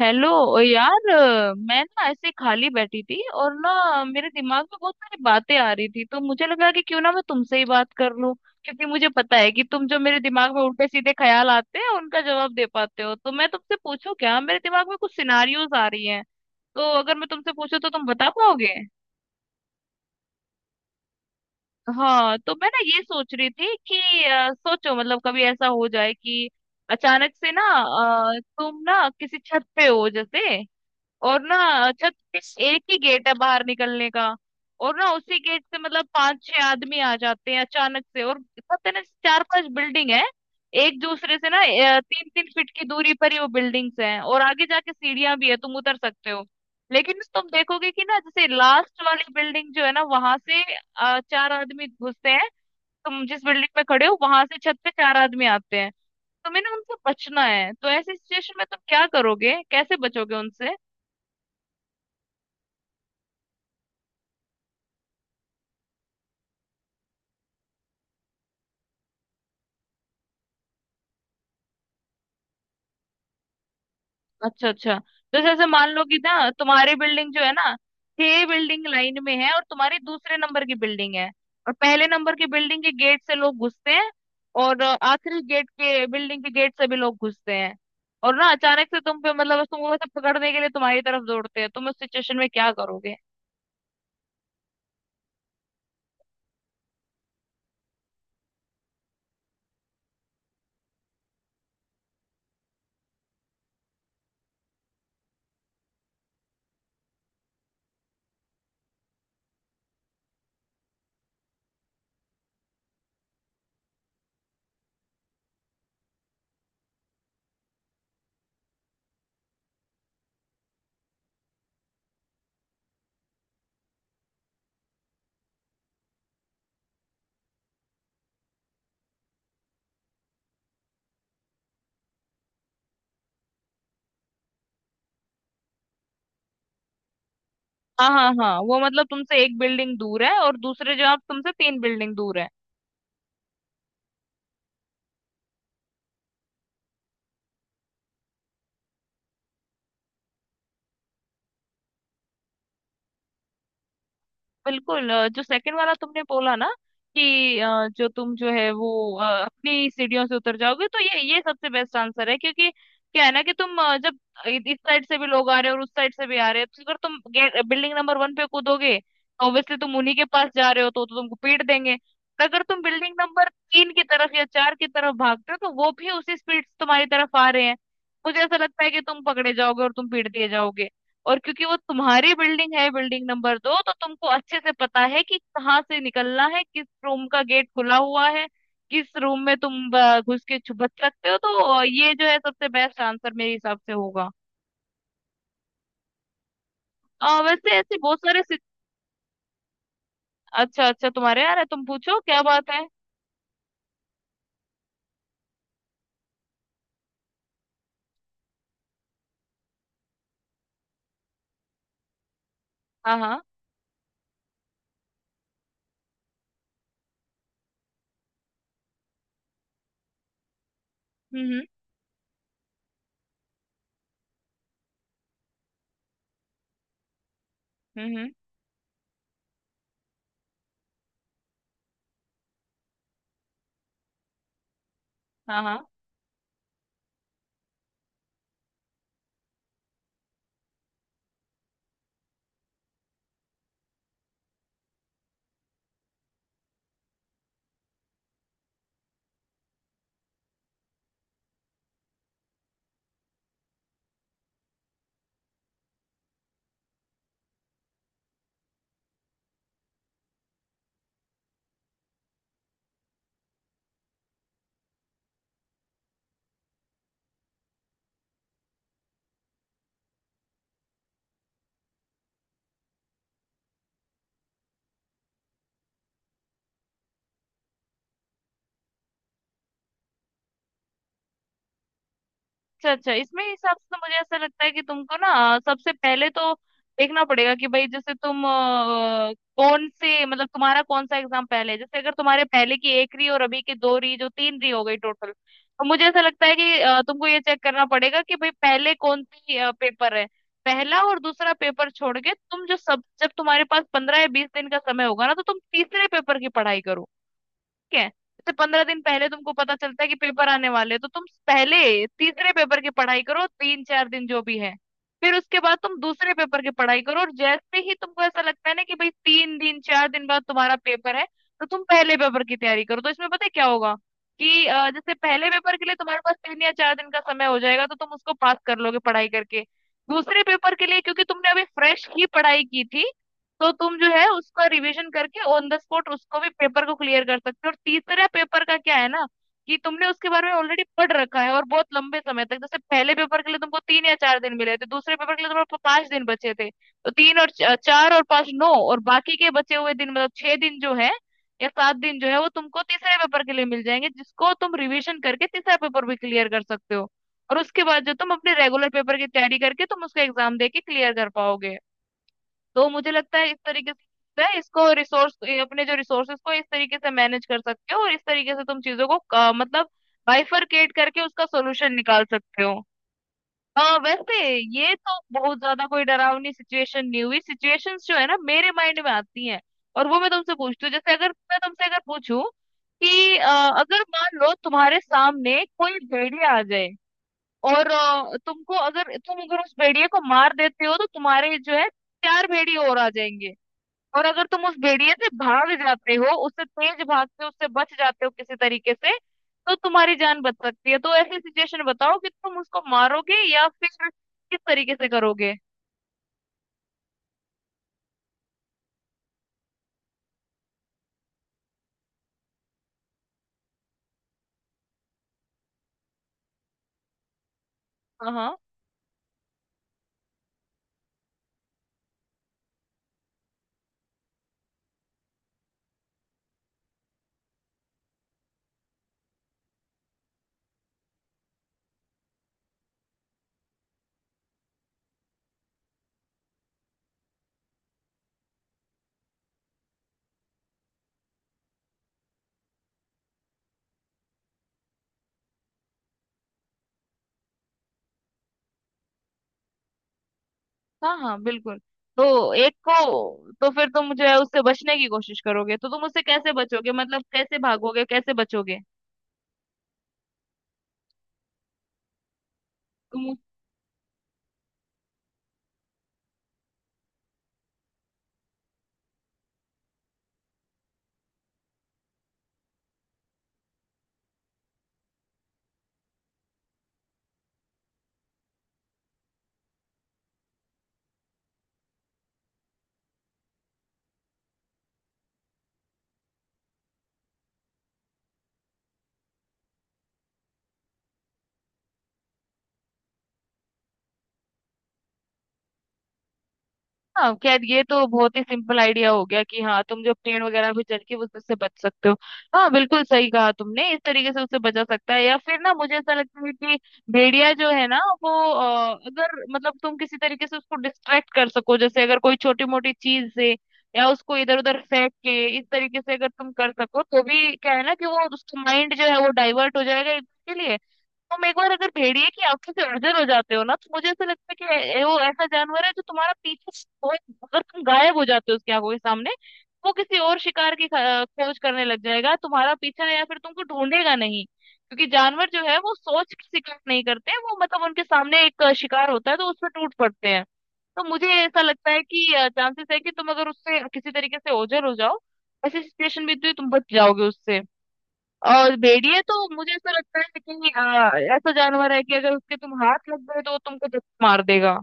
Hello यार मैं ना ऐसे खाली बैठी थी और ना मेरे दिमाग में बहुत सारी बातें आ रही थी। तो मुझे लगा कि क्यों ना मैं तुमसे ही बात कर लूं क्योंकि मुझे पता है कि तुम जो मेरे दिमाग में उल्टे सीधे ख्याल आते हैं उनका जवाब दे पाते हो। तो मैं तुमसे पूछूं क्या? मेरे दिमाग में कुछ सिनारियोज आ रही हैं। तो अगर मैं तुमसे पूछूं तो तुम बता पाओगे? हाँ, तो मैं ना ये सोच रही थी कि सोचो मतलब कभी ऐसा हो जाए कि अचानक से ना, तुम ना किसी छत पे हो जैसे। और ना छत पे एक ही गेट है बाहर निकलने का। और ना उसी गेट से मतलब पांच छह आदमी आ जाते हैं अचानक से। और छत है ना, चार पांच बिल्डिंग है एक दूसरे से ना तीन तीन फीट की दूरी पर ही वो बिल्डिंग्स हैं। और आगे जाके सीढ़ियां भी है, तुम उतर सकते हो। लेकिन ना तुम देखोगे कि ना, जैसे लास्ट वाली बिल्डिंग जो है ना वहां से चार आदमी घुसते हैं। तुम जिस बिल्डिंग में खड़े हो वहां से छत पे चार आदमी आते हैं। तुम्हें ना उनसे बचना है, तो ऐसी सिचुएशन में तुम क्या करोगे? कैसे बचोगे उनसे? अच्छा अच्छा। जैसे जैसे मान लो कि ना तुम्हारी बिल्डिंग जो है ना, छह बिल्डिंग लाइन में है और तुम्हारी दूसरे नंबर की बिल्डिंग है। और पहले नंबर की बिल्डिंग के गेट से लोग घुसते हैं। और आखिरी गेट के बिल्डिंग के गेट से भी लोग घुसते हैं। और ना अचानक से तुम पे मतलब तुमको वैसे पकड़ने के लिए तुम्हारी तरफ दौड़ते हैं, तुम उस सिचुएशन में क्या करोगे? हाँ हाँ हाँ, वो मतलब तुमसे एक बिल्डिंग दूर है और दूसरे जो आप तुमसे तीन बिल्डिंग दूर है। बिल्कुल, जो सेकंड वाला तुमने बोला ना, कि जो तुम जो है वो अपनी सीढ़ियों से उतर जाओगे, तो ये सबसे बेस्ट आंसर है। क्योंकि क्या है ना कि तुम जब इस साइड से भी लोग आ रहे हैं और उस साइड से भी आ रहे हैं, तो अगर तुम बिल्डिंग नंबर वन पे कूदोगे तो ऑब्वियसली तुम उन्हीं के पास जा रहे हो, तो तुमको पीट देंगे। और अगर तुम बिल्डिंग नंबर तीन की तरफ या चार की तरफ भागते हो, तो वो भी उसी स्पीड से तुम्हारी तरफ आ रहे हैं। मुझे ऐसा लगता है कि तुम पकड़े जाओगे और तुम पीट दिए जाओगे। और क्योंकि वो तुम्हारी बिल्डिंग है, बिल्डिंग नंबर दो, तो तुमको अच्छे से पता है कि कहाँ से निकलना है, किस रूम का गेट खुला हुआ है, किस रूम में तुम घुस के छुप बच सकते हो। तो ये जो है सबसे बेस्ट आंसर मेरे हिसाब से होगा। वैसे ऐसे बहुत सारे अच्छा अच्छा, तुम्हारे यार है, तुम पूछो क्या बात है। हाँ हाँ। हम्म। हम्म। हाँ हाँ। अच्छा अच्छा, इसमें हिसाब से तो मुझे ऐसा लगता है कि तुमको ना सबसे पहले तो देखना पड़ेगा कि भाई, जैसे तुम कौन से मतलब तुम्हारा कौन सा एग्जाम पहले है। जैसे अगर तुम्हारे पहले की एक री और अभी के दो री जो तीन री हो गई टोटल, तो मुझे ऐसा लगता है कि तुमको ये चेक करना पड़ेगा कि भाई पहले कौन सी पेपर है। पहला और दूसरा पेपर छोड़ के तुम जो सब जब तुम्हारे पास 15 या 20 दिन का समय होगा ना, तो तुम तीसरे पेपर की पढ़ाई करो। ठीक है, तो 15 दिन पहले तुमको पता चलता है कि पेपर आने वाले हैं, तो तुम पहले तीसरे पेपर की पढ़ाई करो तीन चार दिन जो भी है। फिर उसके बाद तुम दूसरे पेपर की पढ़ाई करो। और जैसे ही तुमको ऐसा लगता है ना कि भाई तीन दिन चार दिन बाद तुम्हारा पेपर है, तो तुम पहले पेपर की तैयारी करो। तो इसमें पता है क्या होगा, कि जैसे पहले पेपर के लिए तुम्हारे पास तीन या चार दिन का समय हो जाएगा, तो तुम उसको पास कर लोगे पढ़ाई करके। दूसरे पेपर के लिए क्योंकि तुमने अभी फ्रेश ही पढ़ाई की थी, तो तुम जो है उसका रिवीजन करके ऑन द स्पॉट उसको भी पेपर को क्लियर कर सकते हो। और तीसरा पेपर का क्या है ना, कि तुमने उसके बारे में ऑलरेडी पढ़ रखा है। और बहुत लंबे समय तक जैसे पहले पेपर के लिए तुमको तीन या चार दिन मिले थे, दूसरे पेपर के लिए तुमको पांच दिन बचे थे, तो तीन और चार और पांच नौ, और बाकी के बचे हुए दिन मतलब छह दिन जो है या सात दिन जो है वो तुमको तीसरे पेपर के लिए मिल जाएंगे, जिसको तुम रिवीजन करके तीसरा पेपर भी क्लियर कर सकते हो। और उसके बाद जो तुम अपने रेगुलर पेपर की तैयारी करके तुम उसका एग्जाम दे के क्लियर कर पाओगे। तो मुझे लगता है इस तरीके से है, इसको रिसोर्स अपने जो रिसोर्सेस को इस तरीके से मैनेज कर सकते हो। और इस तरीके से तुम चीजों को मतलब बाइफरकेट करके उसका सोल्यूशन निकाल सकते हो। हाँ वैसे, ये तो बहुत ज्यादा कोई डरावनी सिचुएशन नहीं हुई। सिचुएशंस जो है ना मेरे माइंड में आती हैं, और वो मैं तुमसे पूछती हूँ। जैसे अगर मैं तुमसे अगर पूछूं कि अगर मान लो तुम्हारे सामने कोई भेड़िया आ जाए, और तुमको अगर तुम अगर उस भेड़िए को मार देते हो तो तुम्हारे जो है चार भेड़िए और आ जाएंगे। और अगर तुम उस भेड़िए से भाग जाते हो, उससे तेज भागते हो, उससे बच जाते हो किसी तरीके से, तो तुम्हारी जान बच सकती है। तो ऐसी सिचुएशन बताओ कि तुम उसको मारोगे या फिर किस तरीके से करोगे? हाँ हाँ। हाँ हाँ बिल्कुल। तो एक को तो फिर तुम जो है उससे बचने की कोशिश करोगे, तो तुम उससे कैसे बचोगे? मतलब कैसे भागोगे, कैसे बचोगे? तुम हाँ, खैर ये तो बहुत ही सिंपल आइडिया हो गया कि हाँ तुम जो पेड़ वगैरह भी चढ़ के उससे बच सकते हो। हाँ बिल्कुल, सही कहा तुमने, इस तरीके से उससे बचा सकता है। या फिर ना मुझे ऐसा लगता है कि भेड़िया जो है ना वो अगर मतलब तुम किसी तरीके से उसको डिस्ट्रैक्ट कर सको, जैसे अगर कोई छोटी मोटी चीज से या उसको इधर उधर फेंक के इस तरीके से अगर तुम कर सको, तो भी क्या है ना कि वो उसका माइंड जो है वो डाइवर्ट हो जाएगा इसके लिए। तुम एक बार अगर भेड़िए की आंखों से ओझल हो जाते हो ना, तो मुझे ऐसा लगता है कि वो ऐसा जानवर है जो तुम्हारा पीछे हो- अगर तुम गायब हो जाते हो उसकी आंखों के सामने, वो किसी और शिकार की खोज करने लग जाएगा। तुम्हारा पीछा या फिर तुमको ढूंढेगा नहीं, क्योंकि जानवर जो है वो सोच के शिकार नहीं करते हैं, वो मतलब उनके सामने एक शिकार होता है तो उसमें टूट पड़ते हैं। तो मुझे ऐसा लगता है कि चांसेस है कि तुम अगर उससे किसी तरीके से ओझल हो जाओ, ऐसी सिचुएशन भी तो तुम बच जाओगे उससे। और भेड़िए तो मुझे ऐसा लगता है कि ऐसा जानवर है कि अगर उसके तुम हाथ लग गए, तो वो तुमको जब मार देगा।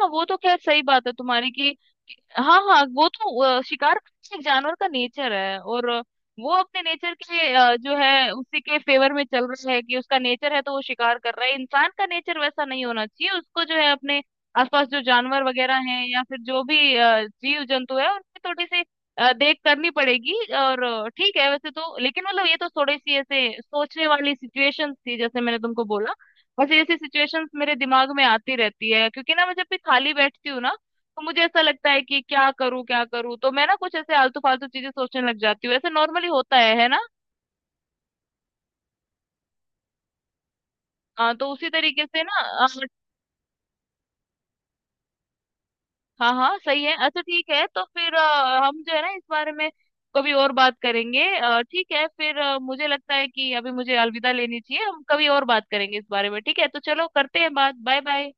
हाँ, वो तो खैर सही बात है तुम्हारी कि हाँ हाँ, वो तो शिकार करना एक जानवर का नेचर है। और वो अपने नेचर के जो है उसी के फेवर में चल रहा है, कि उसका नेचर है तो वो शिकार कर रहा है। इंसान का नेचर वैसा नहीं होना चाहिए, उसको जो है अपने आसपास जो जानवर वगैरह हैं या फिर जो भी जीव जंतु है उनकी थोड़ी सी देख करनी पड़ेगी। और ठीक है वैसे तो, लेकिन मतलब ये तो थोड़ी सी ऐसे सोचने वाली सिचुएशन थी जैसे मैंने तुमको बोला। वैसे ऐसी सिचुएशंस मेरे दिमाग में आती रहती है, क्योंकि ना मैं जब भी खाली बैठती हूँ ना, तो मुझे ऐसा लगता है कि क्या करूं क्या करूं, तो मैं ना कुछ ऐसे आलतू फालतू चीजें सोचने लग जाती हूँ। ऐसे नॉर्मली होता है ना। तो उसी तरीके से ना हाँ हाँ सही है। अच्छा ठीक है, तो फिर हम जो है ना इस बारे में कभी और बात करेंगे। ठीक है फिर, मुझे लगता है कि अभी मुझे अलविदा लेनी चाहिए। हम कभी और बात करेंगे इस बारे में, ठीक है? तो चलो, करते हैं बात। Bye bye.